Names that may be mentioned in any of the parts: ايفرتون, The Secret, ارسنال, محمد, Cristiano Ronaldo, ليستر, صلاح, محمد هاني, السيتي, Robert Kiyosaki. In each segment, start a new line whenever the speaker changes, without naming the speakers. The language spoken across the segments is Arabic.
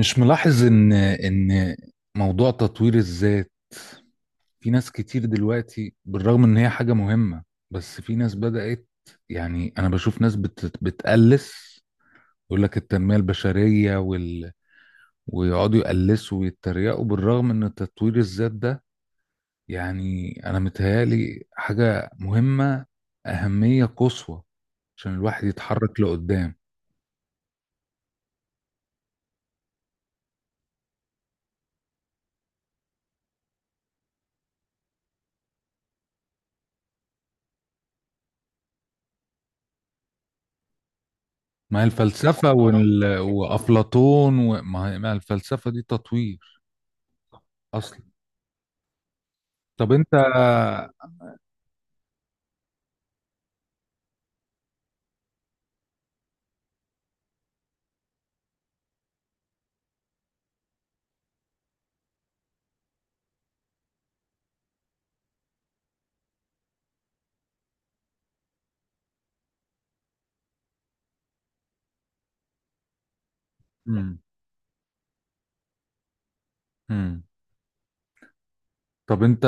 مش ملاحظ ان موضوع تطوير الذات، في ناس كتير دلوقتي بالرغم ان هي حاجة مهمة، بس في ناس بدأت، يعني انا بشوف ناس بتقلس، يقول لك التنمية البشرية وال، ويقعدوا يقلسوا ويتريقوا بالرغم ان تطوير الذات ده، يعني انا متهيالي حاجة مهمة، أهمية قصوى عشان الواحد يتحرك لقدام. ما هي الفلسفة وال... وأفلاطون، وما هي ما هي الفلسفة دي تطوير اصلا. طب انت. مم. مم. طب انت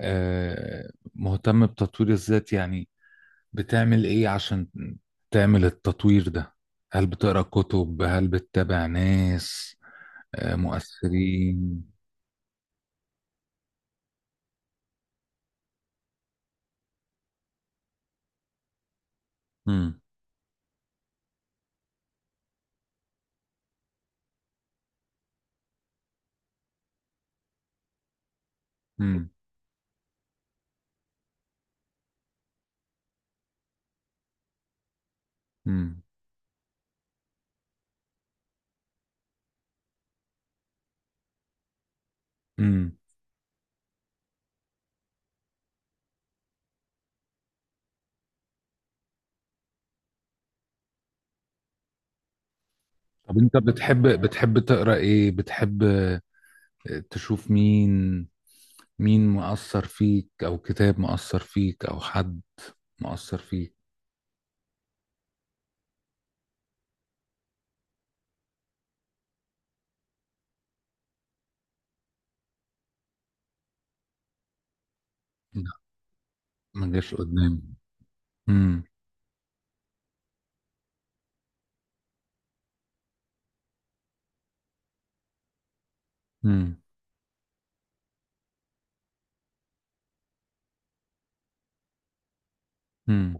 مهتم بتطوير الذات، يعني بتعمل ايه عشان تعمل التطوير ده؟ هل بتقرا كتب؟ هل بتتابع ناس مؤثرين؟ مم. مم. مم. مم. طب انت بتحب تقرا ايه؟ بتحب تشوف مين مؤثر فيك او كتاب مؤثر فيك او حد مؤثر فيك؟ لا، ما جاش قدامي. امم. امم.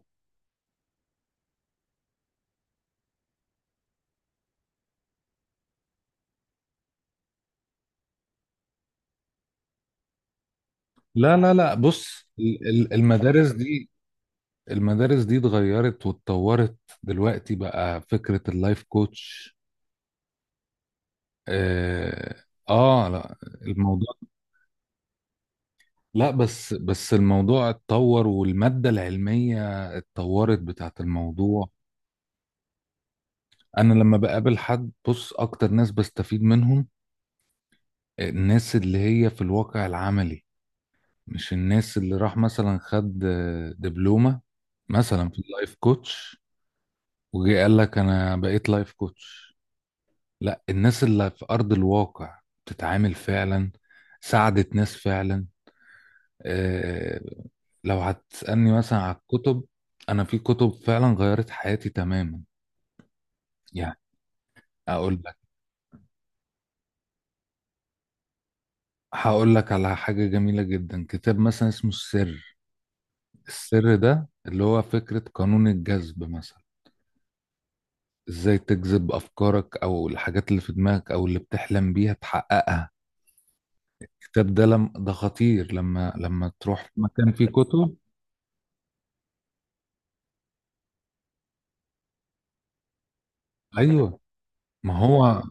لا لا لا، بص المدارس دي، المدارس دي اتغيرت واتطورت، دلوقتي بقى فكرة اللايف كوتش. اه. آه لا، الموضوع، لا بس الموضوع اتطور، والمادة العلمية اتطورت بتاعت الموضوع. انا لما بقابل حد، بص اكتر ناس بستفيد منهم الناس اللي هي في الواقع العملي، مش الناس اللي راح مثلا خد دبلومة مثلا في اللايف كوتش، وجي قال لك انا بقيت لايف كوتش. لا، الناس اللي في ارض الواقع، بتتعامل فعلا، ساعدت ناس فعلا. آه، لو هتسألني مثلا على الكتب، انا في كتب فعلا غيرت حياتي تماما. يعني اقول لك، هقول لك على حاجة جميلة جدا، كتاب مثلا اسمه السر، السر ده اللي هو فكرة قانون الجذب مثلا، ازاي تجذب افكارك او الحاجات اللي في دماغك او اللي بتحلم بيها تحققها. الكتاب ده لم ده خطير، لما تروح مكان فيه كتب. ايوه، ما هو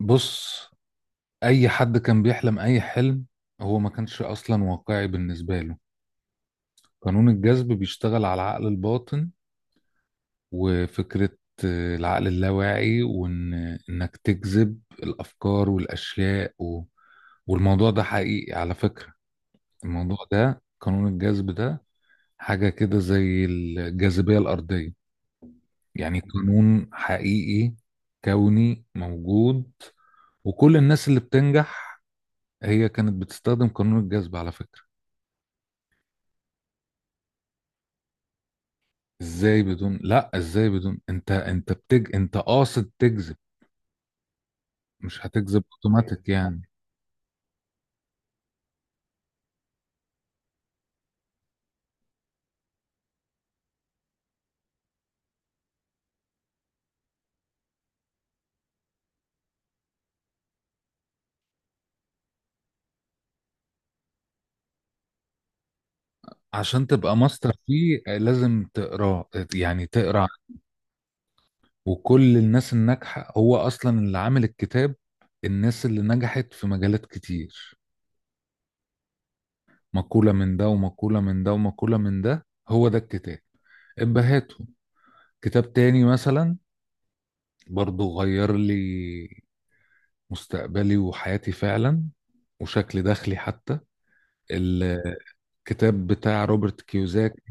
بص، اي حد كان بيحلم اي حلم، هو ما كانش اصلا واقعي بالنسبه له. قانون الجذب بيشتغل على العقل الباطن وفكره العقل اللاواعي، وان انك تجذب الافكار والاشياء و... والموضوع ده حقيقي على فكره، الموضوع ده قانون الجذب ده حاجه كده زي الجاذبيه الارضيه، يعني قانون حقيقي، كوني موجود. وكل الناس اللي بتنجح هي كانت بتستخدم قانون الجذب على فكرة. ازاي بدون لا ازاي بدون انت قاصد تجذب، مش هتجذب اوتوماتيك يعني. عشان تبقى ماستر فيه لازم تقراه، يعني تقرا. وكل الناس الناجحة هو اصلا اللي عامل الكتاب، الناس اللي نجحت في مجالات كتير، مقولة من ده ومقولة من ده ومقولة من ده، هو ده الكتاب، ابهاته. كتاب تاني مثلا، برضو غير لي مستقبلي وحياتي فعلا، وشكل دخلي حتى، الكتاب بتاع روبرت كيوزاكي.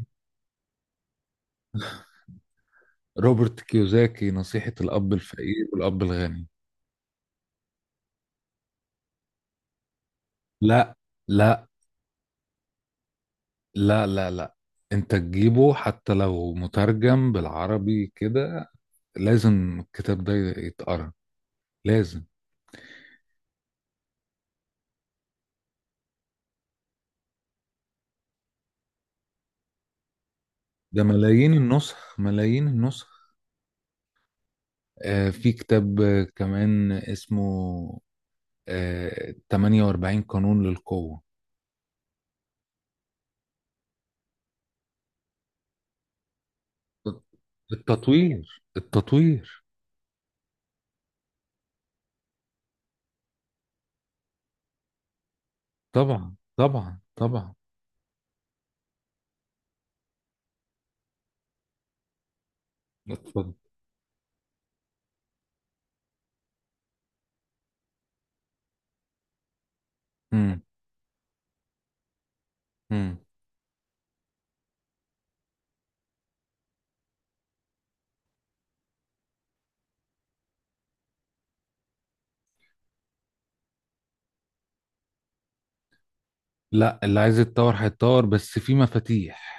روبرت كيوزاكي، نصيحة الأب الفقير والأب الغني. لا لا لا لا لا، انت تجيبه حتى لو مترجم بالعربي كده، لازم الكتاب ده يتقرا، لازم. ده ملايين النسخ، ملايين النسخ. آه في كتاب كمان اسمه، 48 قانون للقوة. التطوير التطوير. طبعا طبعا طبعا. اتفضل. مم. مم. لا، اللي عايز يتطور هيتطور، بس في مفاتيح.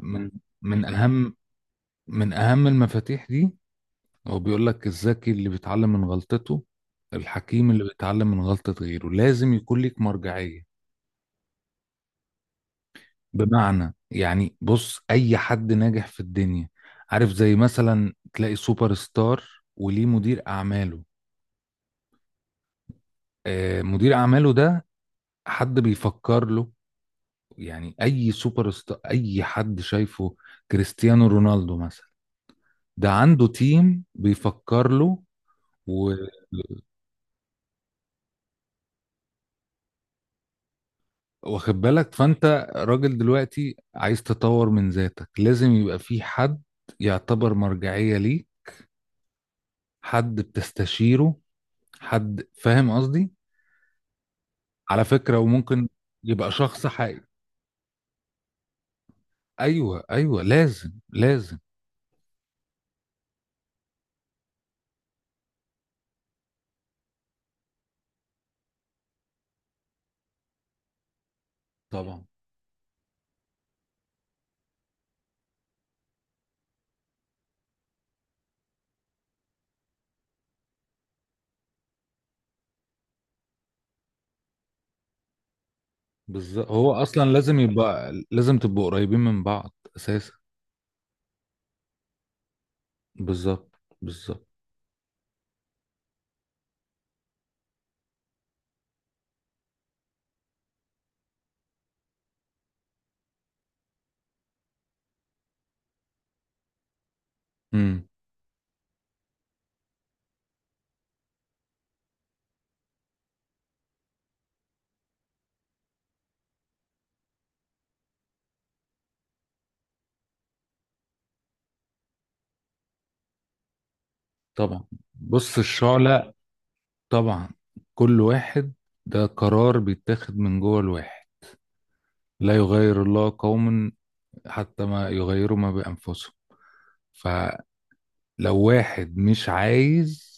من من اهم من اهم المفاتيح دي، هو بيقول لك الذكي اللي بيتعلم من غلطته، الحكيم اللي بيتعلم من غلطة غيره. لازم يكون ليك مرجعية. بمعنى يعني بص، اي حد ناجح في الدنيا، عارف زي مثلا تلاقي سوبر ستار وليه مدير اعماله، آه مدير اعماله ده حد بيفكر له. يعني اي سوبر ستار، اي حد شايفه، كريستيانو رونالدو مثلا، ده عنده تيم بيفكر له و... واخد بالك، فانت راجل دلوقتي عايز تطور من ذاتك، لازم يبقى في حد يعتبر مرجعية ليه، حد بتستشيره، حد فاهم قصدي، على فكرة. وممكن يبقى شخص حقيقي. ايوه ايوه، لازم لازم. طبعا. بالظبط، هو اصلا لازم يبقى، لازم تبقوا قريبين من بعض اساسا. بالظبط بالظبط. امم. طبعا. بص الشعلة، طبعا، كل واحد، ده قرار بيتاخد من جوه الواحد. لا يغير الله قوما حتى ما يغيروا ما بأنفسهم. فلو واحد مش عايز،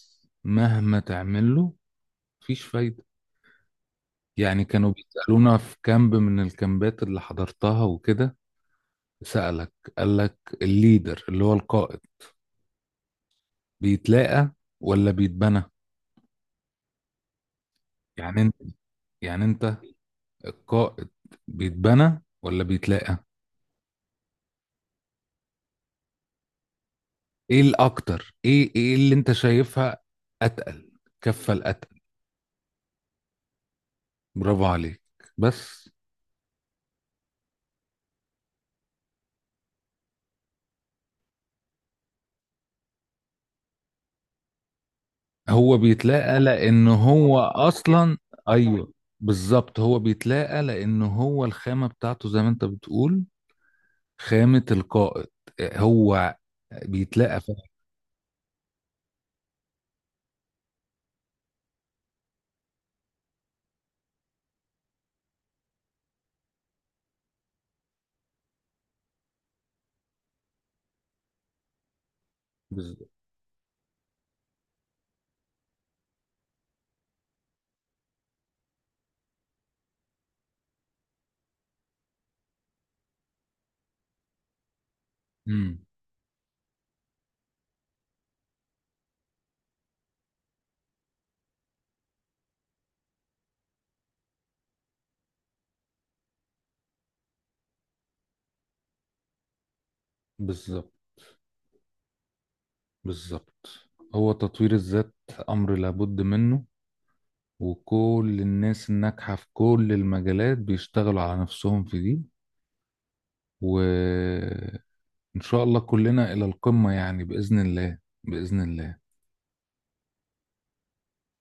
مهما تعمله مفيش فايدة. يعني كانوا بيسألونا في كامب من الكامبات اللي حضرتها وكده، سألك قال لك الليدر اللي هو القائد، بيتلاقى ولا بيتبنى؟ يعني انت يعني انت القائد، بيتبنى ولا بيتلاقى؟ ايه الاكتر، ايه ايه اللي انت شايفها اتقل، كفة الاتقل؟ برافو عليك. بس هو بيتلاقى لان هو اصلا. ايوه، بالظبط، هو بيتلاقى لان هو الخامة بتاعته، زي ما انت بتقول، خامة القائد، هو بيتلاقى في. بالظبط. مم. بالظبط بالظبط، هو تطوير الذات أمر لابد منه، وكل الناس الناجحة في كل المجالات بيشتغلوا على نفسهم في دي. وإن شاء الله كلنا إلى القمة، يعني بإذن الله، بإذن الله.